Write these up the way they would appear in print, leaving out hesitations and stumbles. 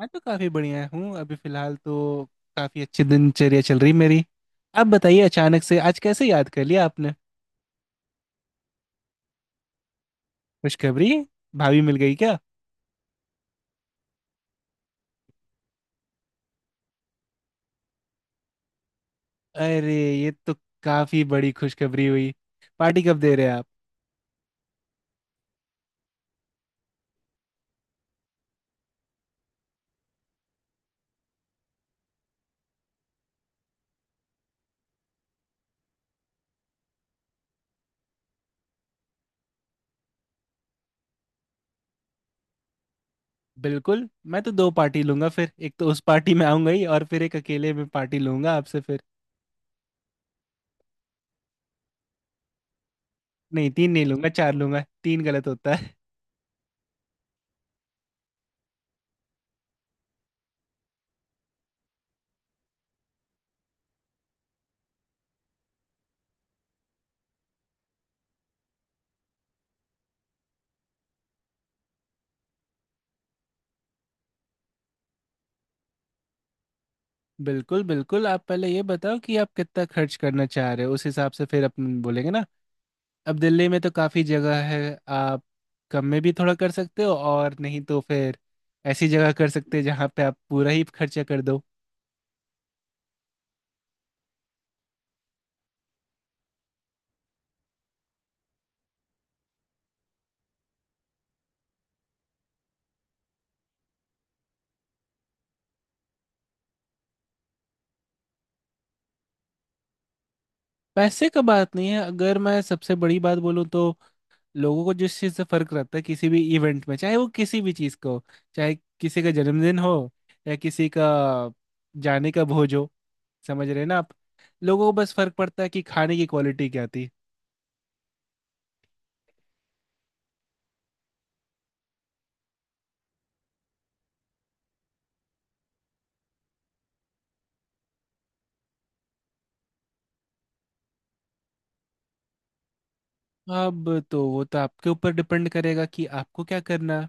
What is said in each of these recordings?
मैं तो काफी बढ़िया हूँ अभी फिलहाल तो काफी अच्छी दिनचर्या चल रही मेरी। आप बताइए अचानक से आज कैसे याद कर लिया आपने। खुशखबरी? भाभी मिल गई क्या? अरे ये तो काफी बड़ी खुशखबरी हुई। पार्टी कब दे रहे हैं आप? बिल्कुल। मैं तो दो पार्टी लूंगा फिर, एक तो उस पार्टी में आऊंगा ही और फिर एक अकेले में पार्टी लूंगा आपसे फिर। नहीं तीन नहीं लूंगा, चार लूंगा। तीन गलत होता है। बिल्कुल बिल्कुल। आप पहले ये बताओ कि आप कितना खर्च करना चाह रहे हो, उस हिसाब से फिर अपन बोलेंगे ना। अब दिल्ली में तो काफ़ी जगह है। आप कम में भी थोड़ा कर सकते हो और नहीं तो फिर ऐसी जगह कर सकते हैं जहाँ पे आप पूरा ही खर्चा कर दो। पैसे का बात नहीं है, अगर मैं सबसे बड़ी बात बोलूँ तो लोगों को जिस चीज़ से फ़र्क रहता है किसी भी इवेंट में, चाहे वो किसी भी चीज़ को, चाहे किसी का जन्मदिन हो या किसी का जाने का भोज हो, समझ रहे हैं ना आप। लोगों को बस फ़र्क पड़ता है कि खाने की क्वालिटी क्या थी। अब तो वो तो आपके ऊपर डिपेंड करेगा कि आपको क्या करना है।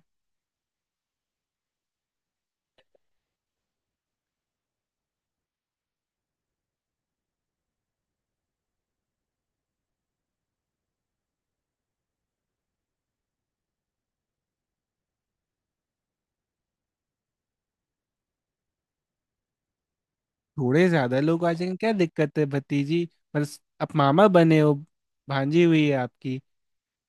थोड़े ज्यादा लोग आ जाएंगे, क्या दिक्कत है भतीजी। बस आप मामा बने हो, भांजी हुई है आपकी।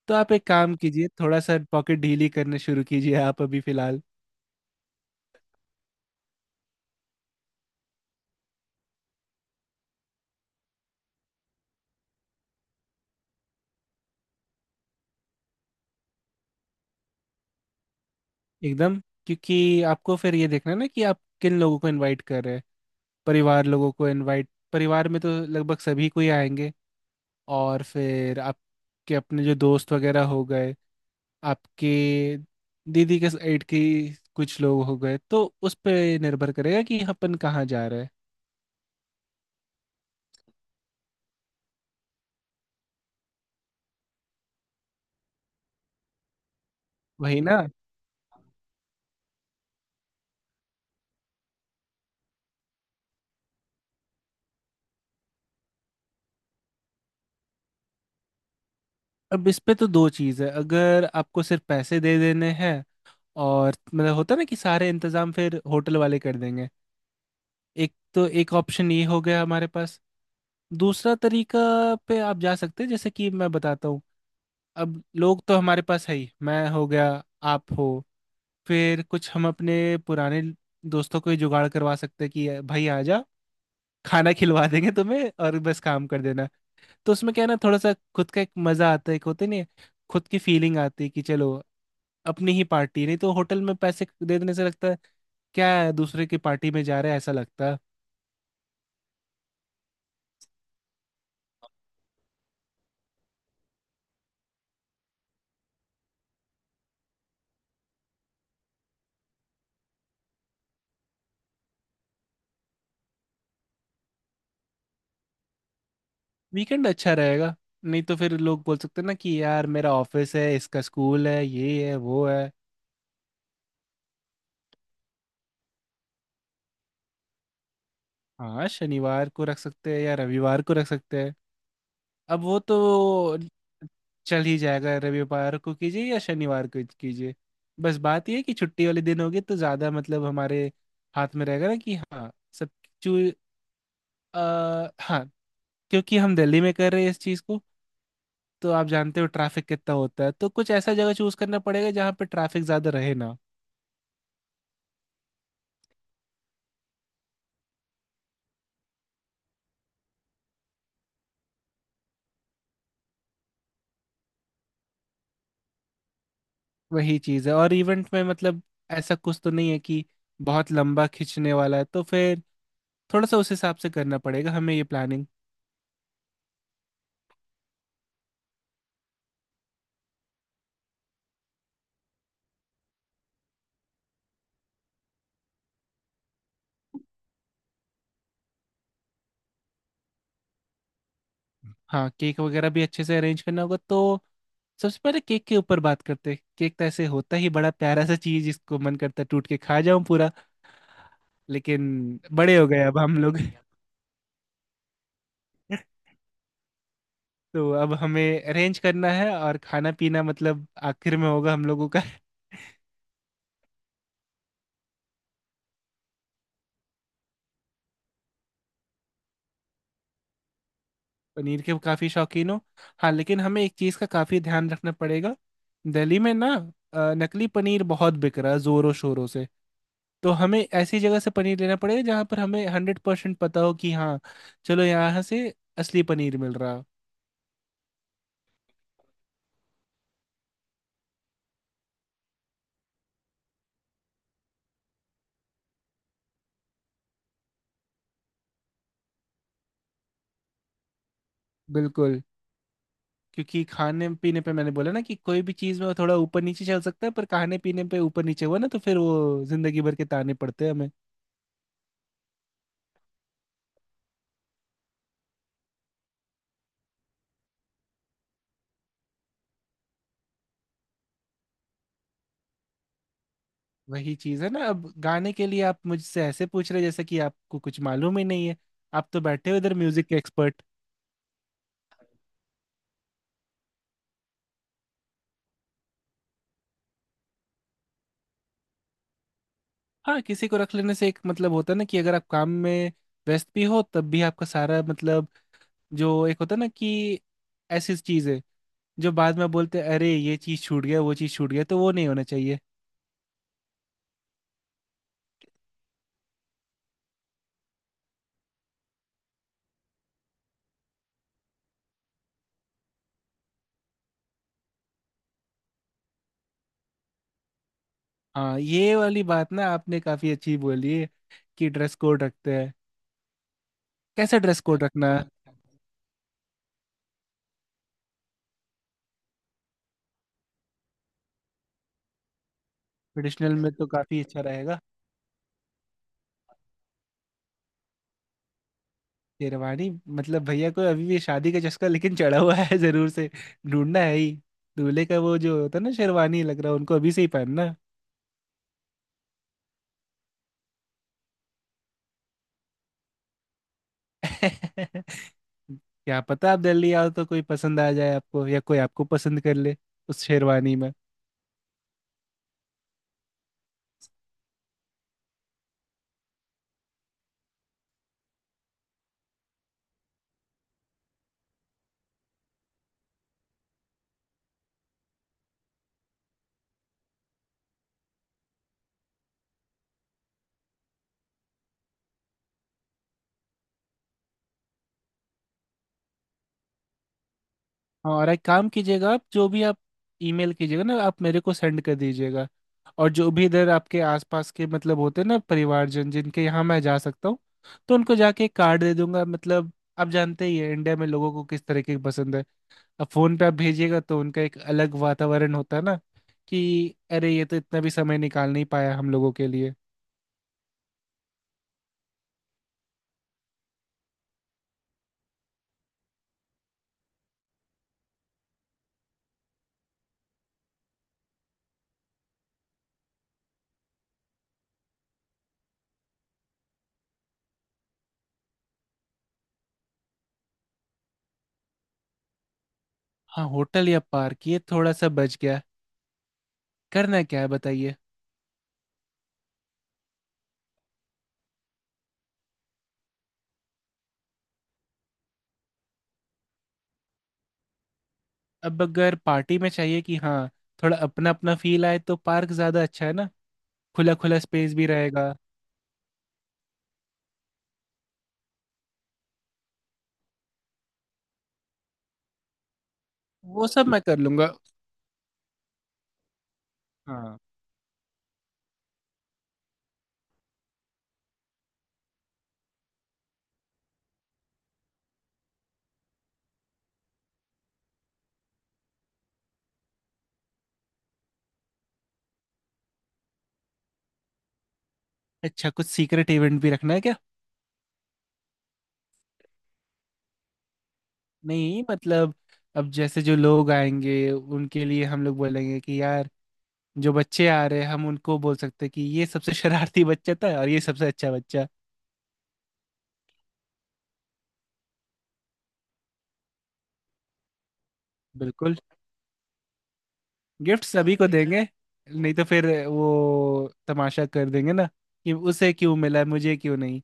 तो आप एक काम कीजिए, थोड़ा सा पॉकेट ढीली करने शुरू कीजिए आप अभी फिलहाल। एकदम। क्योंकि आपको फिर ये देखना है ना कि आप किन लोगों को इनवाइट कर रहे हैं। परिवार लोगों को इनवाइट, परिवार में तो लगभग सभी कोई आएंगे, और फिर आपके अपने जो दोस्त वगैरह हो गए, आपके दीदी के साइड की कुछ लोग हो गए, तो उस पे निर्भर करेगा कि अपन कहाँ जा रहे हैं। वही ना। अब इस पे तो दो चीज़ है। अगर आपको सिर्फ पैसे दे देने हैं और मतलब होता है ना कि सारे इंतजाम फिर होटल वाले कर देंगे, एक तो एक ऑप्शन ये हो गया हमारे पास। दूसरा तरीका पे आप जा सकते हैं, जैसे कि मैं बताता हूँ। अब लोग तो हमारे पास है ही, मैं हो गया, आप हो, फिर कुछ हम अपने पुराने दोस्तों को ही जुगाड़ करवा सकते हैं कि भाई आ जा, खाना खिलवा देंगे तुम्हें और बस काम कर देना। तो उसमें क्या है ना, थोड़ा सा खुद का एक मजा आता है, एक होते नहीं है, खुद की फीलिंग आती है कि चलो अपनी ही पार्टी। नहीं तो होटल में पैसे दे देने से लगता है क्या है, दूसरे की पार्टी में जा रहे हैं ऐसा लगता है। वीकेंड अच्छा रहेगा। नहीं तो फिर लोग बोल सकते हैं ना कि यार मेरा ऑफिस है, इसका स्कूल है, ये है वो है। हाँ शनिवार को रख सकते हैं या रविवार को रख सकते हैं। अब वो तो चल ही जाएगा, रविवार को कीजिए या शनिवार को कीजिए। बस बात ये है कि छुट्टी वाले दिन होगी तो ज़्यादा मतलब हमारे हाथ में रहेगा ना कि हाँ सब। चू हाँ। क्योंकि हम दिल्ली में कर रहे हैं इस चीज़ को, तो आप जानते हो ट्रैफिक कितना होता है। तो कुछ ऐसा जगह चूज करना पड़ेगा जहाँ पे ट्रैफिक ज्यादा रहे ना। वही चीज है। और इवेंट में मतलब ऐसा कुछ तो नहीं है कि बहुत लंबा खींचने वाला है, तो फिर थोड़ा सा उस हिसाब से करना पड़ेगा हमें ये प्लानिंग। हाँ केक वगैरह भी अच्छे से अरेंज करना होगा, तो सबसे पहले केक के ऊपर बात करते हैं। केक तो ऐसे होता ही बड़ा प्यारा सा चीज जिसको मन करता है टूट के खा जाऊं पूरा। लेकिन बड़े हो गए अब हम लोग। तो अब हमें अरेंज करना है, और खाना पीना मतलब आखिर में होगा हम लोगों का। पनीर के काफी शौकीन हो। हाँ लेकिन हमें एक चीज का काफी ध्यान रखना पड़ेगा। दिल्ली में ना नकली पनीर बहुत बिक रहा है जोरों शोरों से। तो हमें ऐसी जगह से पनीर लेना पड़ेगा जहाँ पर हमें 100% पता हो कि हाँ चलो यहाँ से असली पनीर मिल रहा। बिल्कुल। क्योंकि खाने पीने पे मैंने बोला ना कि कोई भी चीज़ में थोड़ा ऊपर नीचे चल सकता है, पर खाने पीने पे ऊपर नीचे हुआ ना तो फिर वो जिंदगी भर के ताने पड़ते हैं हमें। वही चीज है ना। अब गाने के लिए आप मुझसे ऐसे पूछ रहे जैसे कि आपको कुछ मालूम ही नहीं है। आप तो बैठे हो इधर म्यूजिक के एक्सपर्ट। हाँ किसी को रख लेने से एक मतलब होता है ना कि अगर आप काम में व्यस्त भी हो तब भी आपका सारा मतलब, जो एक होता है ना कि ऐसी चीज है जो बाद में बोलते हैं अरे ये चीज छूट गया वो चीज छूट गया, तो वो नहीं होना चाहिए। हाँ ये वाली बात ना आपने काफी अच्छी बोली है, कि ड्रेस कोड रखते हैं। कैसा ड्रेस कोड रखना है? ट्रेडिशनल में तो काफी अच्छा रहेगा। शेरवानी? मतलब भैया को अभी भी शादी का चस्का लेकिन चढ़ा हुआ है जरूर से। ढूंढना है ही दूल्हे का वो जो होता है ना, शेरवानी लग रहा है उनको अभी से ही पहनना। क्या पता आप दिल्ली आओ तो कोई पसंद आ जाए आपको या कोई आपको पसंद कर ले उस शेरवानी में। और एक काम कीजिएगा, आप जो भी आप ईमेल कीजिएगा ना आप मेरे को सेंड कर दीजिएगा। और जो भी इधर आपके आसपास के मतलब होते हैं ना परिवारजन जिनके यहाँ मैं जा सकता हूँ, तो उनको जाके एक कार्ड दे दूंगा मतलब। आप जानते ही है इंडिया में लोगों को किस तरीके की पसंद है। अब फोन पे आप भेजिएगा तो उनका एक अलग वातावरण होता है ना कि अरे ये तो इतना भी समय निकाल नहीं पाया हम लोगों के लिए। हाँ होटल या पार्क ये थोड़ा सा बच गया। करना क्या है बताइए। अब अगर पार्टी में चाहिए कि हाँ थोड़ा अपना अपना फील आए तो पार्क ज्यादा अच्छा है ना। खुला खुला स्पेस भी रहेगा। वो सब मैं कर लूंगा। हाँ। अच्छा कुछ सीक्रेट इवेंट भी रखना है क्या? नहीं मतलब अब जैसे जो लोग आएंगे उनके लिए हम लोग बोलेंगे कि यार जो बच्चे आ रहे हैं हम उनको बोल सकते हैं कि ये सबसे शरारती बच्चा था और ये सबसे अच्छा बच्चा। बिल्कुल। गिफ्ट सभी को देंगे। नहीं तो फिर वो तमाशा कर देंगे ना कि उसे क्यों मिला मुझे क्यों नहीं।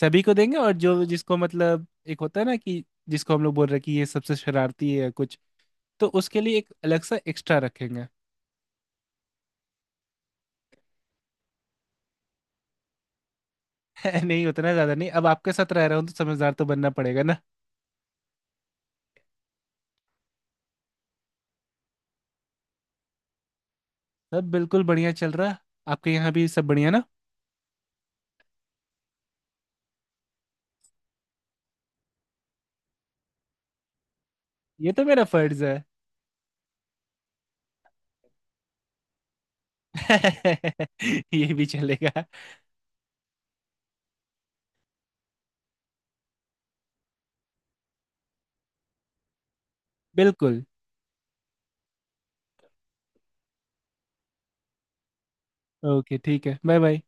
सभी को देंगे, और जो जिसको मतलब एक होता है ना कि जिसको हम लोग बोल रहे हैं कि ये सबसे शरारती है या कुछ, तो उसके लिए एक अलग सा एक्स्ट्रा रखेंगे। नहीं उतना ज्यादा नहीं। अब आपके साथ रह रहा हूँ तो समझदार तो बनना पड़ेगा ना। सब बिल्कुल बढ़िया चल रहा। आपके यहाँ भी सब बढ़िया ना। ये तो मेरा फर्ज है। ये भी चलेगा। बिल्कुल। ओके ठीक है बाय बाय।